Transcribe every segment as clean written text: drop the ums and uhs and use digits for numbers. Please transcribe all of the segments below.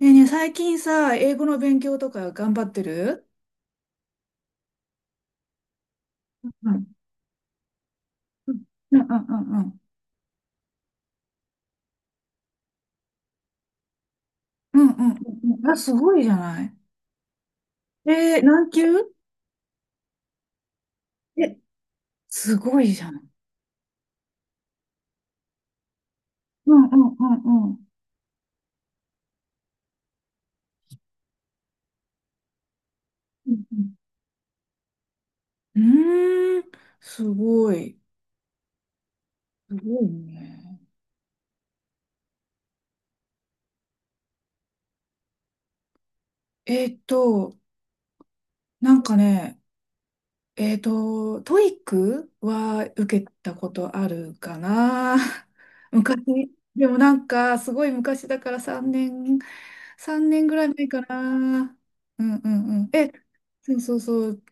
ねえねえ、最近さ、英語の勉強とか頑張ってる？うん。うんうんうんうん。うんうんうんうん。あ、すごいじゃない。何級？え、すごいじゃない。うんうんうんうん。うんうん。うーん、すごい。すごいね。えーっと、なんかね、トイックは受けたことあるかな？ 昔。でもなんか、すごい昔だから3年ぐらい前かな。うんうんうん。え、そうそうそう。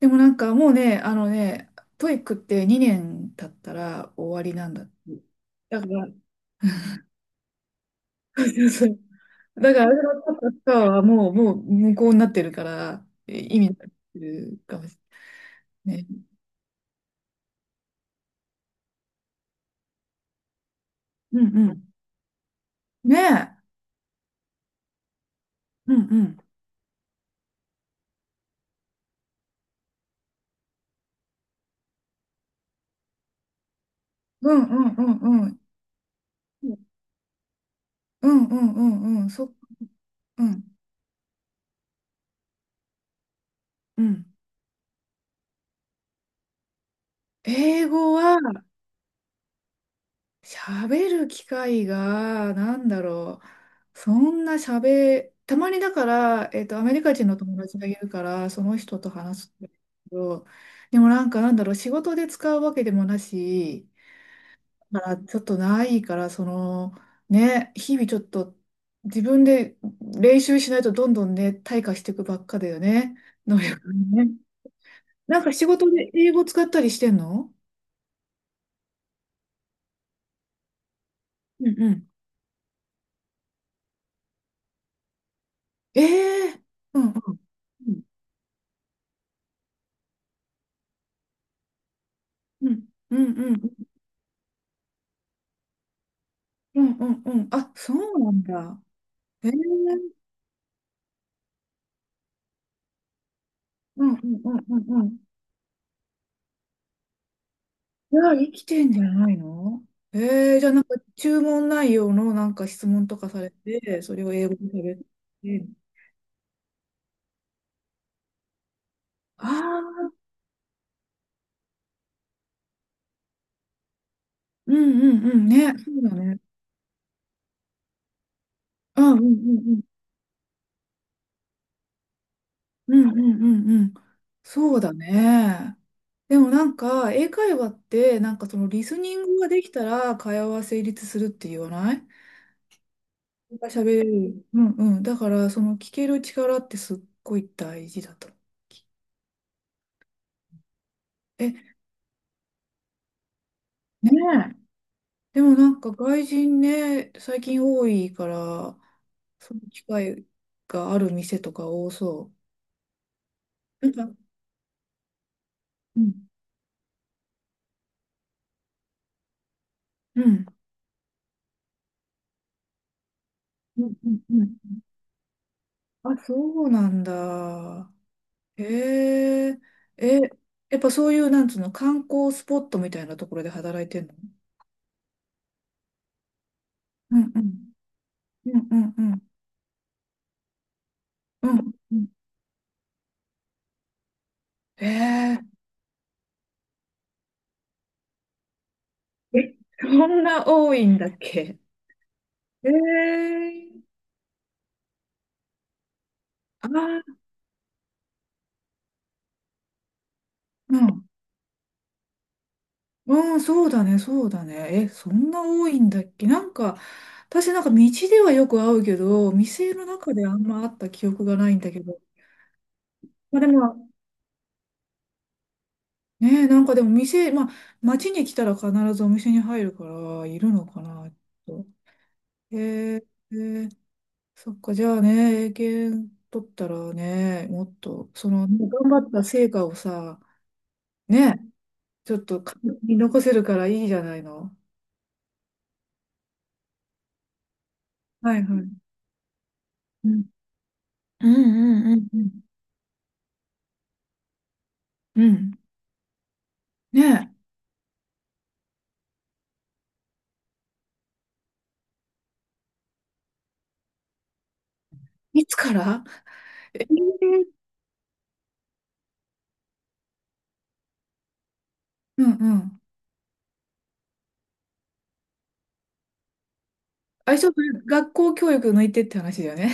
でもなんかもうね、あのね、トイックって2年経ったら終わりなんだって。だから、そうそうそう。だから、あれのパパパはもう無効になってるから、意味になってるかもしれない。ね。うんうん。ねえ。うんうん。うんうんうんうん。うんうんうんうん。そっか。うん。うん。英語は、喋る機会が、なんだろう。そんな喋、たまにだから、アメリカ人の友達がいるから、その人と話すんだけど、でもなんか、なんだろう、仕事で使うわけでもなし、だからちょっとないから、その、ね、日々ちょっと自分で練習しないとどんどんね、退化していくばっかだよね。能力がね。なんか仕事で英語使ったりしてんの？うんうん。ええうんうん。うん、うん、うん、うん、うん、うん、あ、そうなんだ。へえ、うん、うん、うん、うん、うん。じゃあ、生きてんじゃないの？じゃあ、なんか、注文内容のなんか質問とかされて、それを英語で喋って。ああ、うん、うん、うん、ね、そうだね。あ、うん、うん、うん、うん、うん、うん、うん。そうだね。でもなんか、英会話って、なんかそのリスニングができたら会話は成立するって言わないが喋れる。うんうん。だから、その聞ける力ってすっごい大事だと。え、ねえ。でもなんか外人ね、最近多いから、その機会がある店とか多そう。なんか、うん。うん。うんうんうん。あ、そうなんだ。へえ。え、やっぱそういう、なんつうの、観光スポットみたいなところで働いてんの？うんうん。うんうんうん。うんうん。へえ。え、そんな多いんだっけ？えーああー、うん。うん、そうだね、そうだね。え、そんな多いんだっけ？なんか、私なんか道ではよく会うけど、店の中であんま会った記憶がないんだけど。まあでも、ねえ、なんかでも店、まあ、街に来たら必ずお店に入るから、いるのかな、と。えー、えーそっか、じゃあね、英検取ったらね、もっと、その、頑張った成果をさ、ねえ、ちょっと見残せるからいいじゃないの。はいはい。うん、うんうんうんうん。うんねえ。いつから？えーうんうん。あ、一応、学校教育抜いてって話だよね。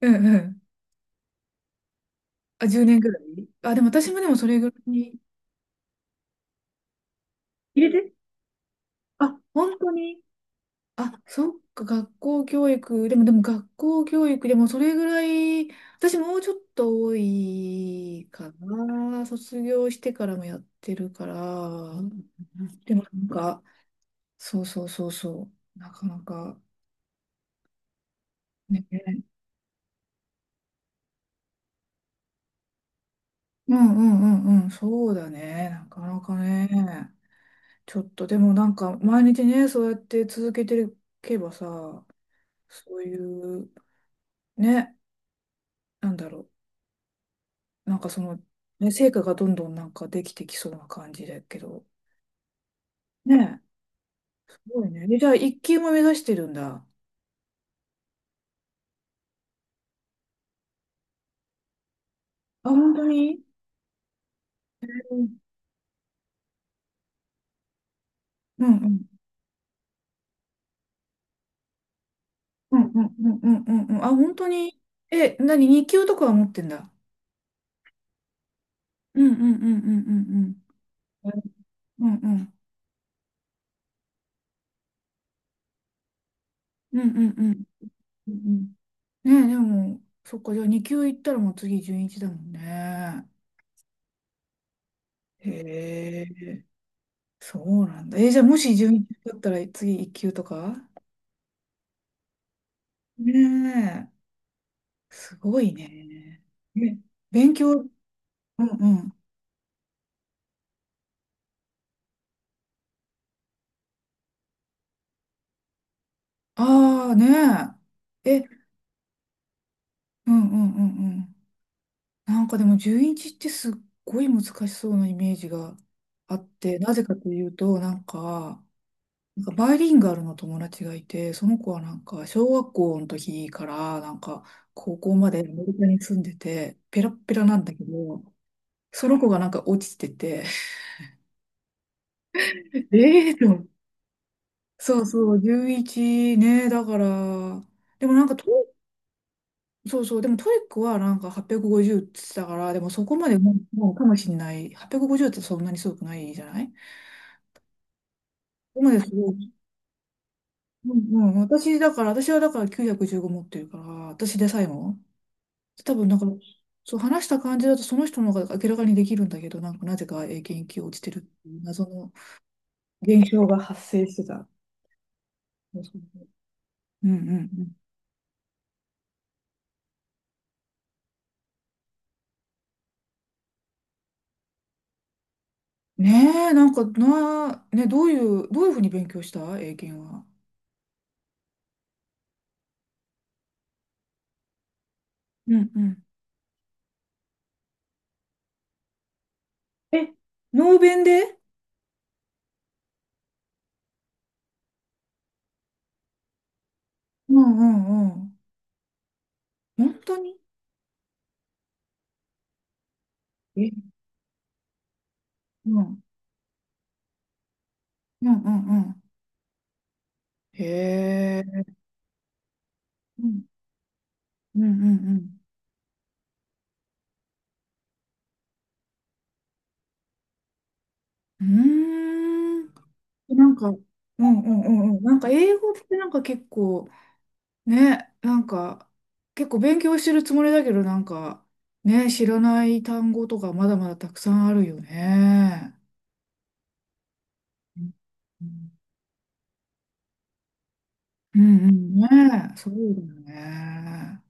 うんうん。あ、10年ぐらいあ、でも私もでもそれぐらいに。入れて。あ、本当に。あ、そっか、学校教育。でも学校教育でもそれぐらい、私もうちょっと多いかな。卒業してからもやってるから。でもなんか、そうそうそうそう。なかなかね。うんうんうんうん。そうだね。なかなかね。ちょっとでもなんか、毎日ね、そうやって続けていけばさ、そういう、ね、なんだろう。なんかその、ね、成果がどんどんなんかできてきそうな感じだけど。ねえ、すごいね。でじゃあ、一級も目指してるんだ。あ、本当に。うんうんうんうんうんうんうんうん。あ、本当に。え、何、二級とかは持ってんだ。うんうんうんうんうんうん。うんうんうんうんうんうんうんうんうんうんうんうん。ねえ、でも、そっか、じゃあ二級行ったらもう次準一だもんね。へえ、そうなんだ。え、じゃあもし準一だったら次一級とかね、すごいね。ね、勉強、うんうん。ああねえ。え、うんうんうんうん。なんかでも11ってすっごい難しそうなイメージがあって、なぜかというと、なんかバイリンガルの友達がいて、その子はなんか小学校の時からなんか高校までアメリカに住んでて、ペラッペラなんだけど、その子がなんか落ちてて、ええと思って。そうそう、11ね、だから、でもなんかそうそう、でもトイックはなんか850っぴゃくごじゅうって言ってたから、でもそこまでもうかもしれない。850っぴゃくごじゅうってそんなにすごくないじゃない？そこまですごい。うんうん、私はだから915持ってるから、私でさえも。多分なんか、そう話した感じだとその人の方が明らかにできるんだけど、なんかなぜか英検1級落ちてるっていう謎の現象が発生してた。そうそうそう。うんうんうん。ねえ、なんかな、ね、どういうふうに勉強した英検は？うんうん。え、ノーベンで。うんうんうん。本当に。え、うん。うんうんうん。へえ。うんうんうんうん。うーん。なんか、うんうんうんうん。なんか英語ってなんか結構、ね、なんか、結構勉強してるつもりだけど、なんか、ね、知らない単語とかまだまだたくさんあるよね。うんうんうん。ね、そうだよね。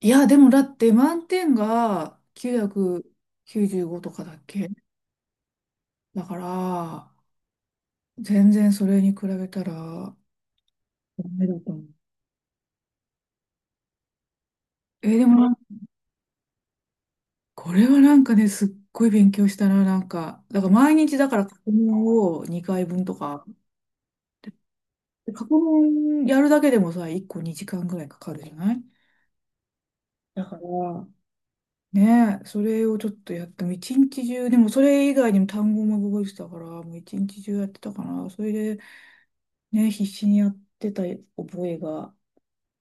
いや、でもだって満点が995とかだっけ？だから、全然それに比べたら、ダメだと思う。でもこれはなんかね、すっごい勉強したな、なんか。だから毎日だから過去問を2回分とか。で過去問やるだけでもさ、1個2時間ぐらいかかるじゃない？だから、ねえ、それをちょっとやっても、一日中、でもそれ以外にも単語も覚えてたから、もう一日中やってたから、それでね、必死にやってた覚えが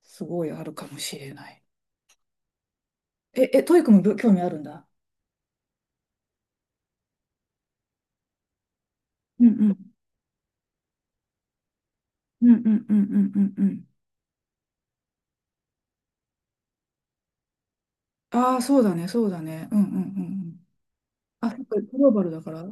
すごいあるかもしれない。え、え、トイックも興味あるんだ。うんうん。うんうんうんうんうんうん。ああ、そうだね、そうだね。うんうんうんうん。あ、そっか、グローバルだから。